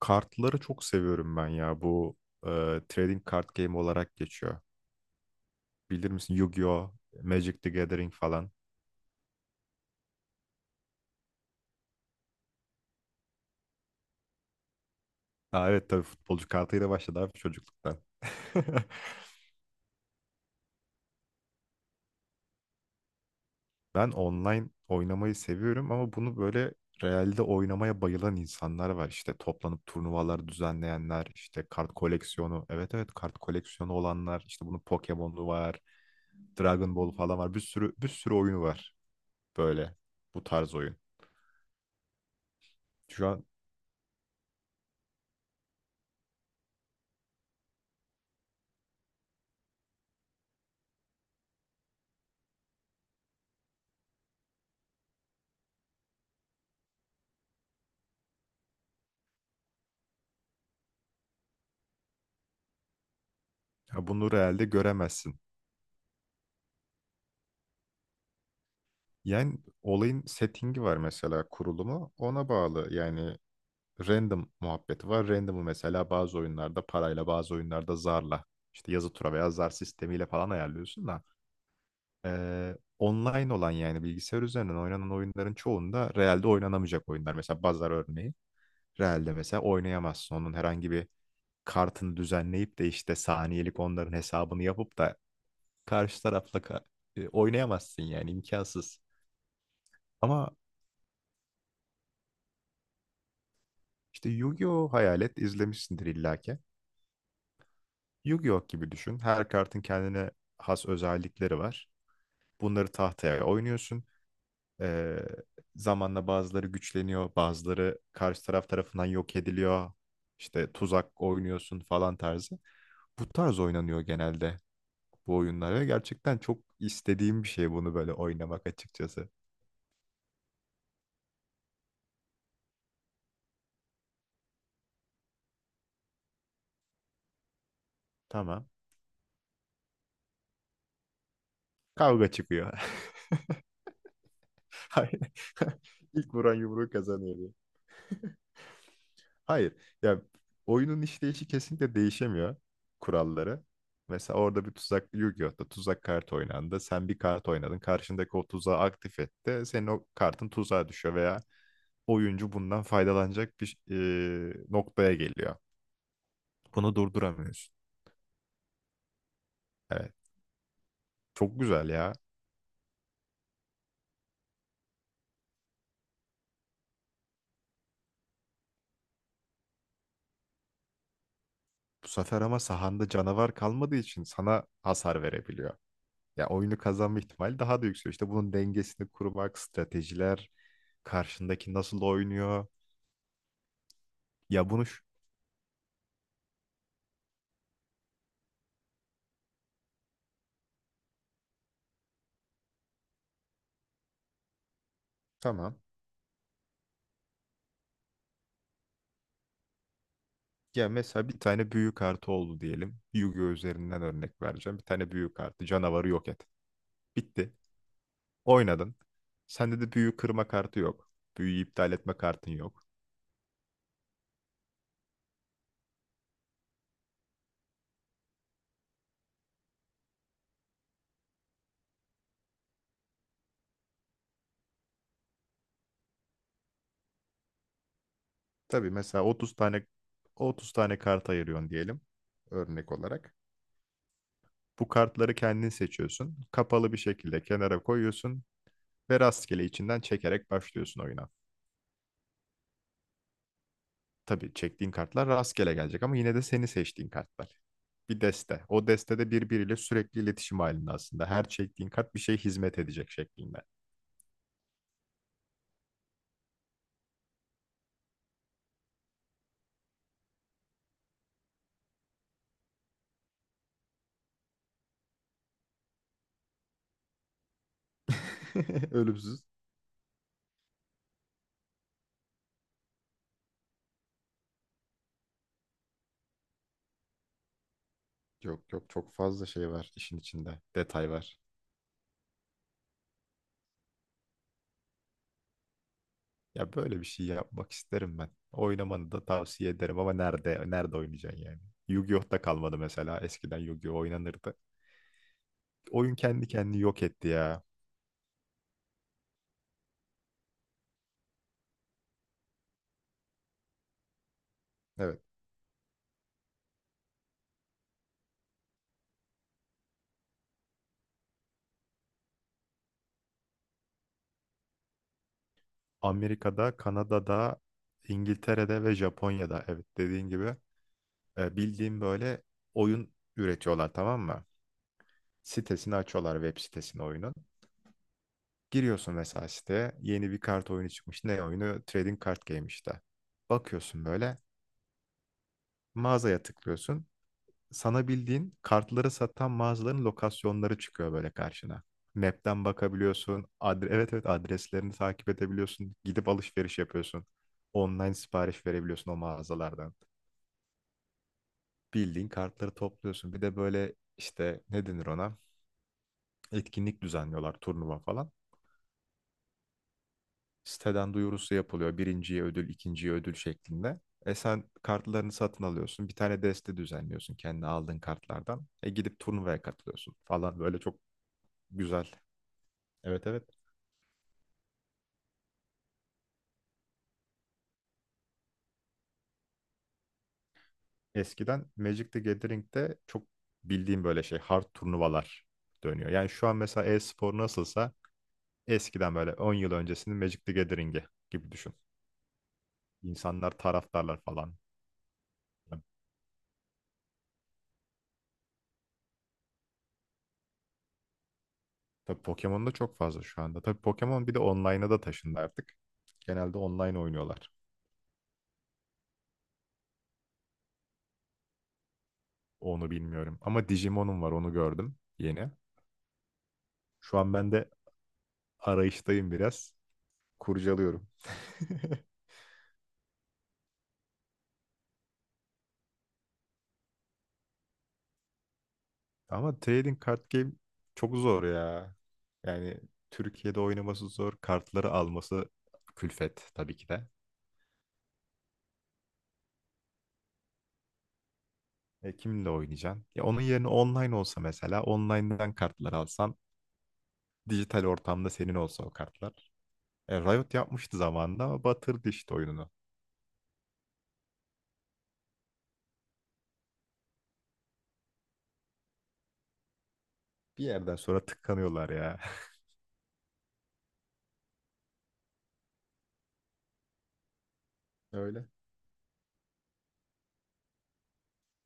Kartları çok seviyorum ben ya. Bu e, trading card game olarak geçiyor. Bilir misin Yu-Gi-Oh, Magic the Gathering falan. Aa, evet tabii futbolcu kartıyla başladı abi çocukluktan. Ben online oynamayı seviyorum ama bunu böyle realde oynamaya bayılan insanlar var. İşte toplanıp turnuvalar düzenleyenler, işte kart koleksiyonu. Evet evet kart koleksiyonu olanlar. İşte bunun Pokemon'u var, Dragon Ball falan var. Bir sürü oyunu var böyle bu tarz oyun. Şu an Ya bunu realde göremezsin. Yani olayın settingi var mesela kurulumu ona bağlı. Yani random muhabbeti var. Random'ı mesela bazı oyunlarda parayla bazı oyunlarda zarla işte yazı tura veya zar sistemiyle falan ayarlıyorsun da online olan yani bilgisayar üzerinden oynanan oyunların çoğunda realde oynanamayacak oyunlar. Mesela bazar örneği realde mesela oynayamazsın. Onun herhangi bir kartını düzenleyip de işte saniyelik onların hesabını yapıp da karşı tarafla oynayamazsın yani imkansız. Ama işte Yu-Gi-Oh hayal et izlemişsindir illaki. Yu-Gi-Oh gibi düşün. Her kartın kendine has özellikleri var. Bunları tahtaya oynuyorsun. Ee, Zamanla bazıları güçleniyor, bazıları karşı taraf tarafından yok ediliyor. İşte tuzak oynuyorsun falan tarzı. Bu tarz oynanıyor genelde bu oyunlar ve gerçekten çok istediğim bir şey bunu böyle oynamak açıkçası. Tamam. Kavga çıkıyor. İlk vuran yumruğu kazanıyor. Hayır. Ya oyunun işleyişi kesinlikle değişemiyor kuralları. Mesela orada bir tuzak Yu-Gi-Oh'ta tuzak kart oynandı. Sen bir kart oynadın. Karşındaki o tuzağı aktif etti. Senin o kartın tuzağa düşüyor veya oyuncu bundan faydalanacak bir noktaya geliyor. Bunu durduramıyorsun. Evet. Çok güzel ya. Bu sefer ama sahanda canavar kalmadığı için sana hasar verebiliyor. Ya oyunu kazanma ihtimali daha da yükseliyor. İşte bunun dengesini kurmak, stratejiler, karşındaki nasıl oynuyor. Ya bunu şu- Tamam. Ya mesela bir tane büyü kartı oldu diyelim. Yu-Gi-Oh üzerinden örnek vereceğim. Bir tane büyü kartı canavarı yok et. Bitti. Oynadın. Sende de büyü kırma kartı yok. Büyüyü iptal etme kartın yok. Tabii mesela 30 tane kart ayırıyorsun diyelim örnek olarak. Bu kartları kendin seçiyorsun. Kapalı bir şekilde kenara koyuyorsun ve rastgele içinden çekerek başlıyorsun oyuna. Tabii çektiğin kartlar rastgele gelecek ama yine de seni seçtiğin kartlar. Bir deste. O destede birbiriyle sürekli iletişim halinde aslında. Her çektiğin kart bir şey hizmet edecek şeklinde. Ölümsüz. Yok yok çok fazla şey var işin içinde. Detay var. Ya böyle bir şey yapmak isterim ben. Oynamanı da tavsiye ederim ama nerede oynayacaksın yani? Yu-Gi-Oh'ta kalmadı mesela. Eskiden Yu-Gi-Oh oynanırdı. Oyun kendi kendini yok etti ya. Evet. Amerika'da, Kanada'da, İngiltere'de ve Japonya'da evet dediğin gibi bildiğim böyle oyun üretiyorlar tamam mı? Sitesini açıyorlar web sitesini oyunun. Giriyorsun mesela siteye yeni bir kart oyunu çıkmış. Ne oyunu? Trading Card Game işte. Bakıyorsun böyle mağazaya tıklıyorsun. Sana bildiğin kartları satan mağazaların lokasyonları çıkıyor böyle karşına. Map'ten bakabiliyorsun. Evet evet adreslerini takip edebiliyorsun. Gidip alışveriş yapıyorsun. Online sipariş verebiliyorsun o mağazalardan. Bildiğin kartları topluyorsun. Bir de böyle işte ne denir ona? Etkinlik düzenliyorlar turnuva falan. Siteden duyurusu yapılıyor. Birinciye ödül, ikinciye ödül şeklinde. E sen kartlarını satın alıyorsun. Bir tane deste düzenliyorsun kendi aldığın kartlardan. E gidip turnuvaya katılıyorsun falan. Böyle çok güzel. Evet evet. Eskiden Magic the Gathering'de çok bildiğim böyle şey hard turnuvalar dönüyor. Yani şu an mesela e-spor nasılsa eskiden böyle 10 yıl öncesinin Magic the Gathering'i gibi düşün. İnsanlar, taraftarlar falan. Tabii Pokemon'da çok fazla şu anda. Tabii Pokemon bir de online'a da taşındı artık. Genelde online oynuyorlar. Onu bilmiyorum. Ama Digimon'um var onu gördüm yeni. Şu an ben de arayıştayım biraz. Kurcalıyorum. Ama trading card game çok zor ya. Yani Türkiye'de oynaması zor. Kartları alması külfet tabii ki de. E, kimle oynayacaksın? Ya onun yerine online olsa mesela online'dan kartlar alsan dijital ortamda senin olsa o kartlar. E, Riot yapmıştı zamanında ama batırdı işte oyununu. Bir yerden sonra tıkanıyorlar ya. Öyle.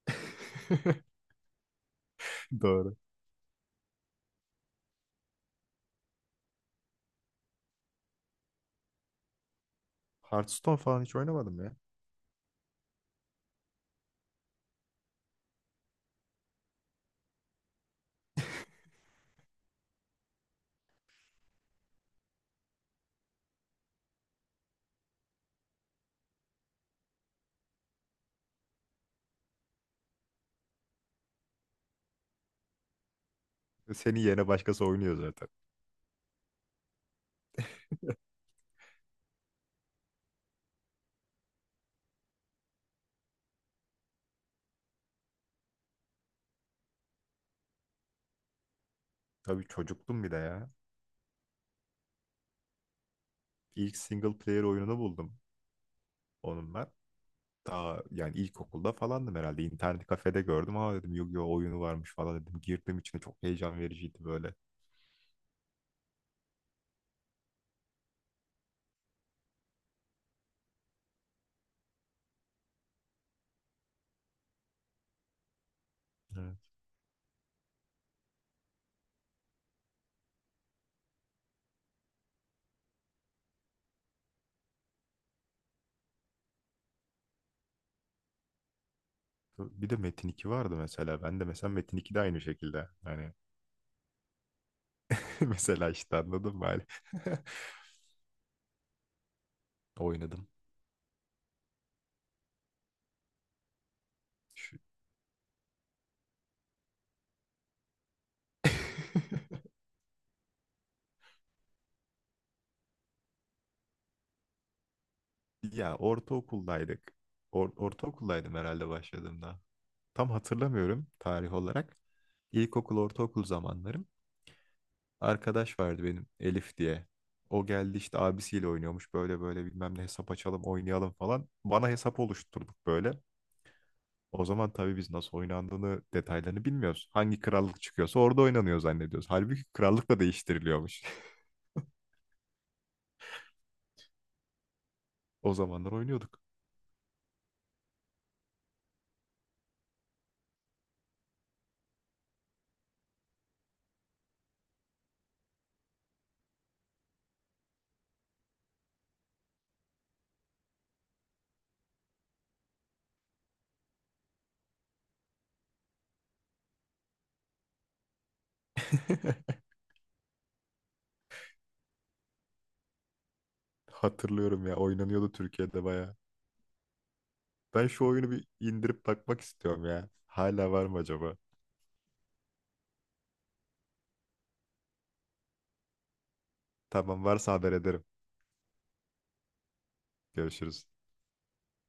Doğru. Hearthstone falan hiç oynamadım ya. Senin yerine başkası oynuyor zaten. Tabii çocuktum bir de ya. İlk single player oyununu buldum onun ben. Daha yani ilkokulda falandım herhalde. İnternet kafede gördüm. Aa dedim Yu-Gi-Oh oyunu varmış falan dedim. Girdim içine çok heyecan vericiydi böyle. Evet. Bir de Metin 2 vardı mesela. Ben de mesela Metin 2 de aynı şekilde. Hani mesela işte anladın mı? Hani Oynadım. Şu... Ya ortaokuldaydık. Ortaokuldaydım herhalde başladığımda. Tam hatırlamıyorum tarih olarak. İlkokul, ortaokul zamanlarım. Arkadaş vardı benim Elif diye. O geldi işte abisiyle oynuyormuş. Böyle böyle bilmem ne hesap açalım, oynayalım falan. Bana hesap oluşturduk böyle. O zaman tabii biz nasıl oynandığını, detaylarını bilmiyoruz. Hangi krallık çıkıyorsa orada oynanıyor zannediyoruz. Halbuki krallık da değiştiriliyormuş. O zamanlar oynuyorduk. Hatırlıyorum ya oynanıyordu Türkiye'de bayağı. Ben şu oyunu bir indirip bakmak istiyorum ya. Hala var mı acaba? Tamam varsa haber ederim. Görüşürüz.